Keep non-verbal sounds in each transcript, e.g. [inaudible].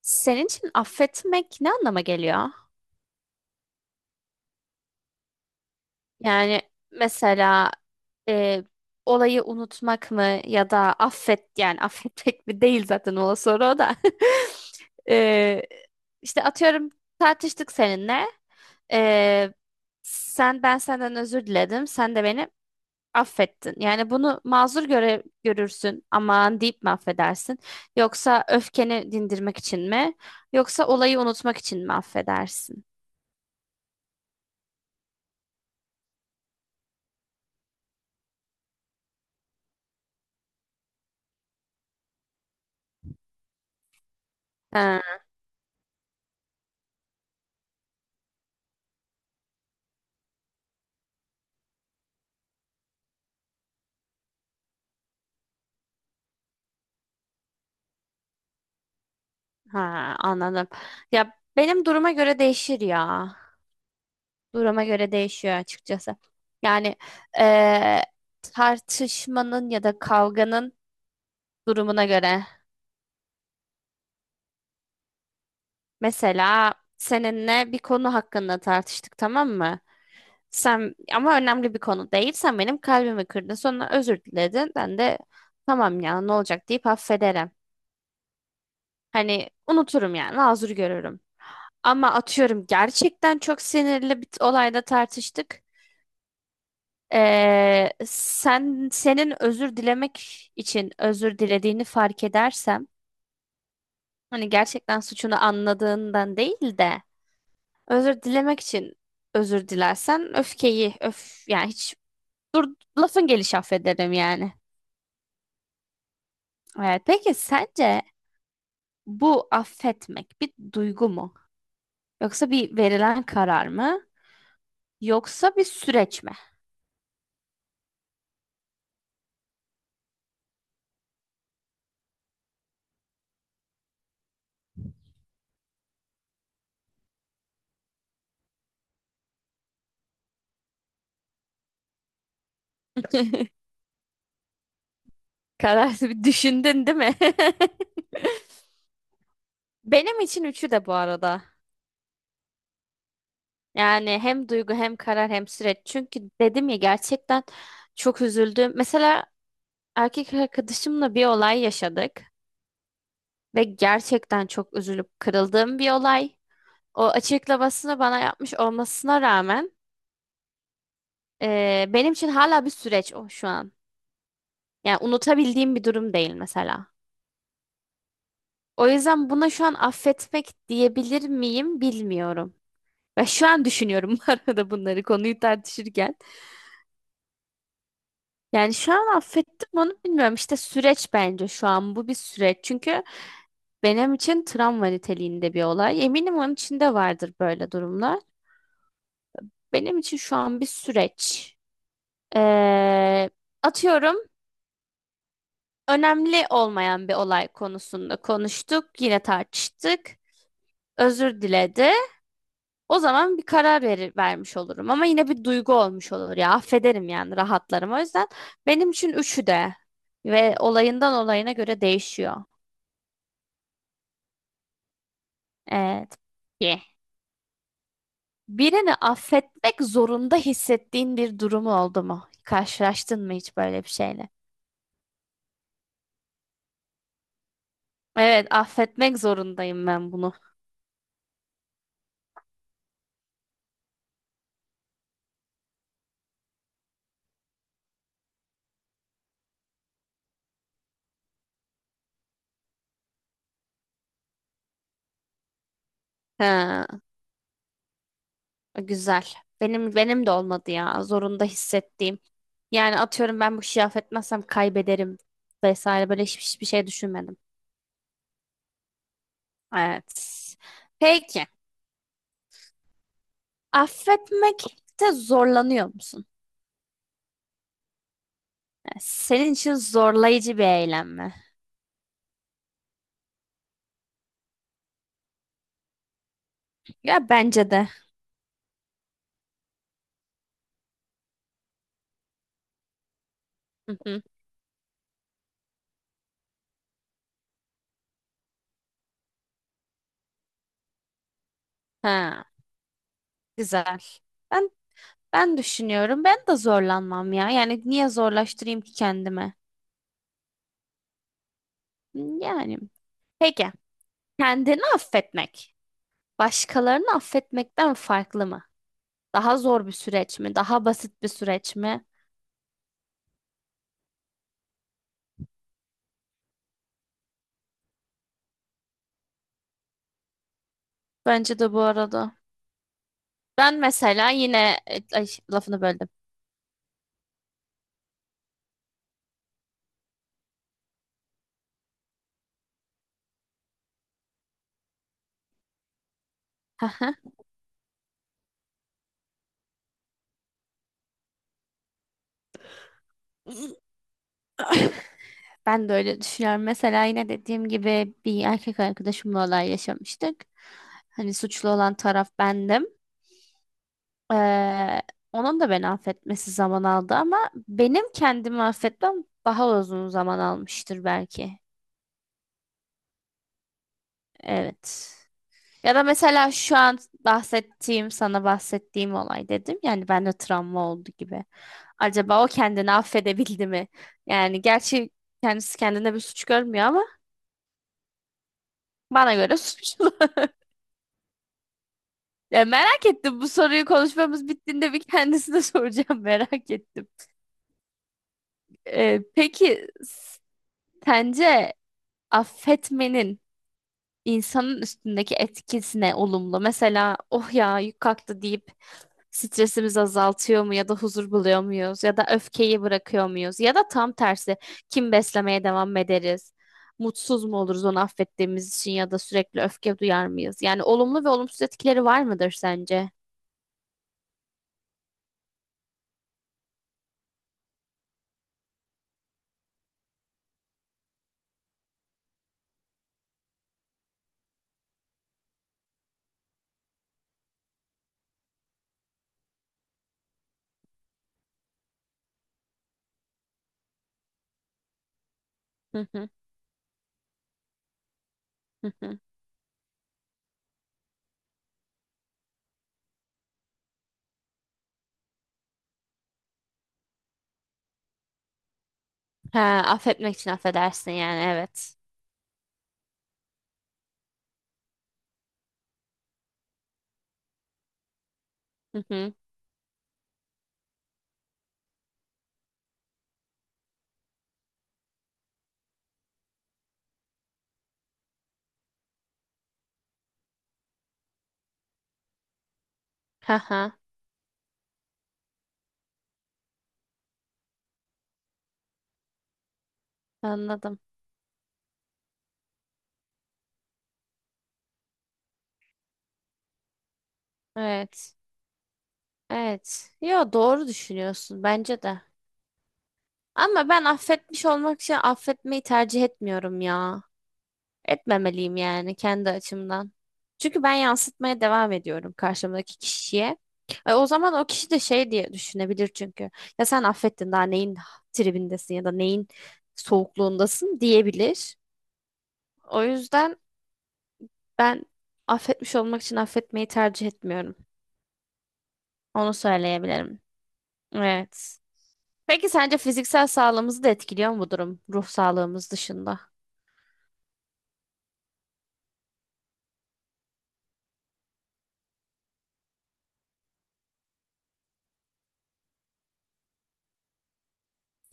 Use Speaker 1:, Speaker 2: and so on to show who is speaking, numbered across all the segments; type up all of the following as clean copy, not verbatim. Speaker 1: Senin için affetmek ne anlama geliyor? Yani mesela e, olayı unutmak mı ya da affet yani [laughs] affetmek mi değil zaten o soru o da. [laughs] E, işte atıyorum tartıştık seninle. E, sen Ben senden özür diledim. Sen de beni affettin. Yani bunu mazur göre görürsün. Aman deyip mi affedersin? Yoksa öfkeni dindirmek için mi? Yoksa olayı unutmak için mi affedersin? Ha, anladım. Ya benim duruma göre değişir ya. Duruma göre değişiyor açıkçası. Yani eee, tartışmanın ya da kavganın durumuna göre. Mesela seninle bir konu hakkında tartıştık, tamam mı? Sen ama önemli bir konu değil. Sen benim kalbimi kırdın. Sonra özür diledin. Ben de tamam ya ne olacak deyip affederim. Hani unuturum yani mazur görürüm. Ama atıyorum gerçekten çok sinirli bir olayda tartıştık. Senin özür dilemek için özür dilediğini fark edersem, hani gerçekten suçunu anladığından değil de özür dilemek için özür dilersen öfkeyi öf yani hiç dur lafın gelişi affederim yani. Evet, peki sence bu affetmek bir duygu mu? Yoksa bir verilen karar mı? Yoksa bir süreç mi? [laughs] Karar, bir düşündün değil mi? [laughs] Benim için üçü de bu arada. Yani hem duygu hem karar hem süreç. Çünkü dedim ya, gerçekten çok üzüldüm. Mesela erkek arkadaşımla bir olay yaşadık ve gerçekten çok üzülüp kırıldığım bir olay. O açıklamasını bana yapmış olmasına rağmen benim için hala bir süreç o şu an. Yani unutabildiğim bir durum değil mesela. O yüzden buna şu an affetmek diyebilir miyim bilmiyorum. Ve şu an düşünüyorum [laughs] bu arada bunları konuyu tartışırken. Yani şu an affettim onu bilmiyorum. İşte süreç, bence şu an bu bir süreç. Çünkü benim için travma niteliğinde bir olay. Eminim onun içinde vardır böyle durumlar. Benim için şu an bir süreç. Ee, atıyorum önemli olmayan bir olay konusunda konuştuk. Yine tartıştık. Özür diledi. O zaman bir karar vermiş olurum. Ama yine bir duygu olmuş olur ya. Affederim yani rahatlarım. O yüzden benim için üçü de ve olayından olayına göre değişiyor. Evet. Ye. Birini affetmek zorunda hissettiğin bir durumu oldu mu? Karşılaştın mı hiç böyle bir şeyle? Evet, affetmek zorundayım ben bunu. Ha, güzel. Benim de olmadı ya. Zorunda hissettiğim. Yani atıyorum ben bu kişiyi affetmezsem kaybederim vesaire böyle hiçbir şey düşünmedim. Evet. Peki. Affetmekte zorlanıyor musun? Yani senin için zorlayıcı bir eylem mi? Ya bence de. Hı hı. Ha. Güzel. Ben ben düşünüyorum. Ben de zorlanmam ya. Yani niye zorlaştırayım ki kendime? Hmm, yani. Peki. Kendini affetmek. Başkalarını affetmekten farklı mı? Daha zor bir süreç mi? Daha basit bir süreç mi? Bence de bu arada. Ben mesela yine lafını böldüm. [laughs] Ben de öyle düşünüyorum. Mesela yine dediğim gibi bir erkek arkadaşımla olay yaşamıştık. Hani suçlu olan taraf bendim. Ee, onun da beni affetmesi zaman aldı ama benim kendimi affetmem daha uzun zaman almıştır belki. Evet. Ya da mesela şu an bahsettiğim, sana bahsettiğim olay dedim. Yani bende travma oldu gibi. Acaba o kendini affedebildi mi? Yani gerçi kendisi kendine bir suç görmüyor ama bana göre suçlu. [laughs] Ya merak ettim, bu soruyu konuşmamız bittiğinde bir kendisine [laughs] soracağım, merak ettim. Peki sence affetmenin insanın üstündeki etkisine olumlu. Mesela oh ya yük kalktı deyip stresimizi azaltıyor mu ya da huzur buluyor muyuz ya da öfkeyi bırakıyor muyuz ya da tam tersi kim beslemeye devam ederiz? Mutsuz mu oluruz onu affettiğimiz için ya da sürekli öfke duyar mıyız? Yani olumlu ve olumsuz etkileri var mıdır sence? Hı hı, hı hı. Ha, affetmek için affedersin yani evet. Hı hı. Ha ha, anladım. Evet. Evet. Ya doğru düşünüyorsun bence de. Ama ben affetmiş olmak için affetmeyi tercih etmiyorum ya. Etmemeliyim yani kendi açımdan. Çünkü ben yansıtmaya devam ediyorum karşımdaki kişiye. E, o zaman o kişi de şey diye düşünebilir çünkü. Ya sen affettin, daha neyin tribindesin ya da neyin soğukluğundasın diyebilir. O yüzden ben affetmiş olmak için affetmeyi tercih etmiyorum. Onu söyleyebilirim. Evet. Peki sence fiziksel sağlığımızı da etkiliyor mu bu durum, ruh sağlığımız dışında?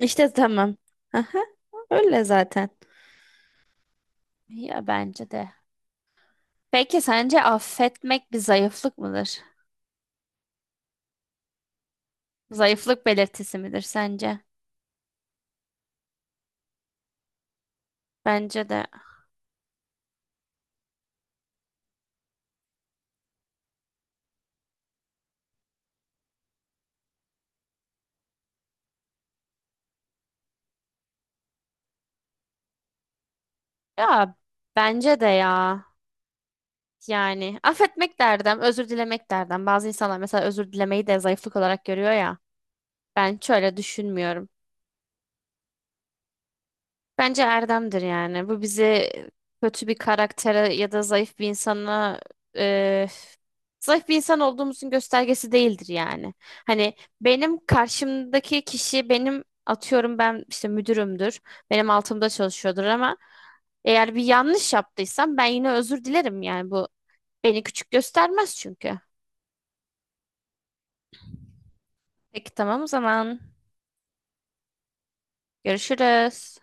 Speaker 1: İşte tamam. Aha, öyle zaten. Ya bence de. Peki sence affetmek bir zayıflık mıdır? Zayıflık belirtisi midir sence? Bence de. Ya bence de ya. Yani affetmek derdim, özür dilemek derdim. Bazı insanlar mesela özür dilemeyi de zayıflık olarak görüyor ya. Ben şöyle düşünmüyorum. Bence erdemdir yani. Bu bizi kötü bir karaktere ya da zayıf bir insana e, zayıf bir insan olduğumuzun göstergesi değildir yani. Hani benim karşımdaki kişi benim atıyorum ben işte müdürümdür. Benim altımda çalışıyordur ama eğer bir yanlış yaptıysam ben yine özür dilerim yani bu beni küçük göstermez çünkü. Peki tamam o zaman. Görüşürüz.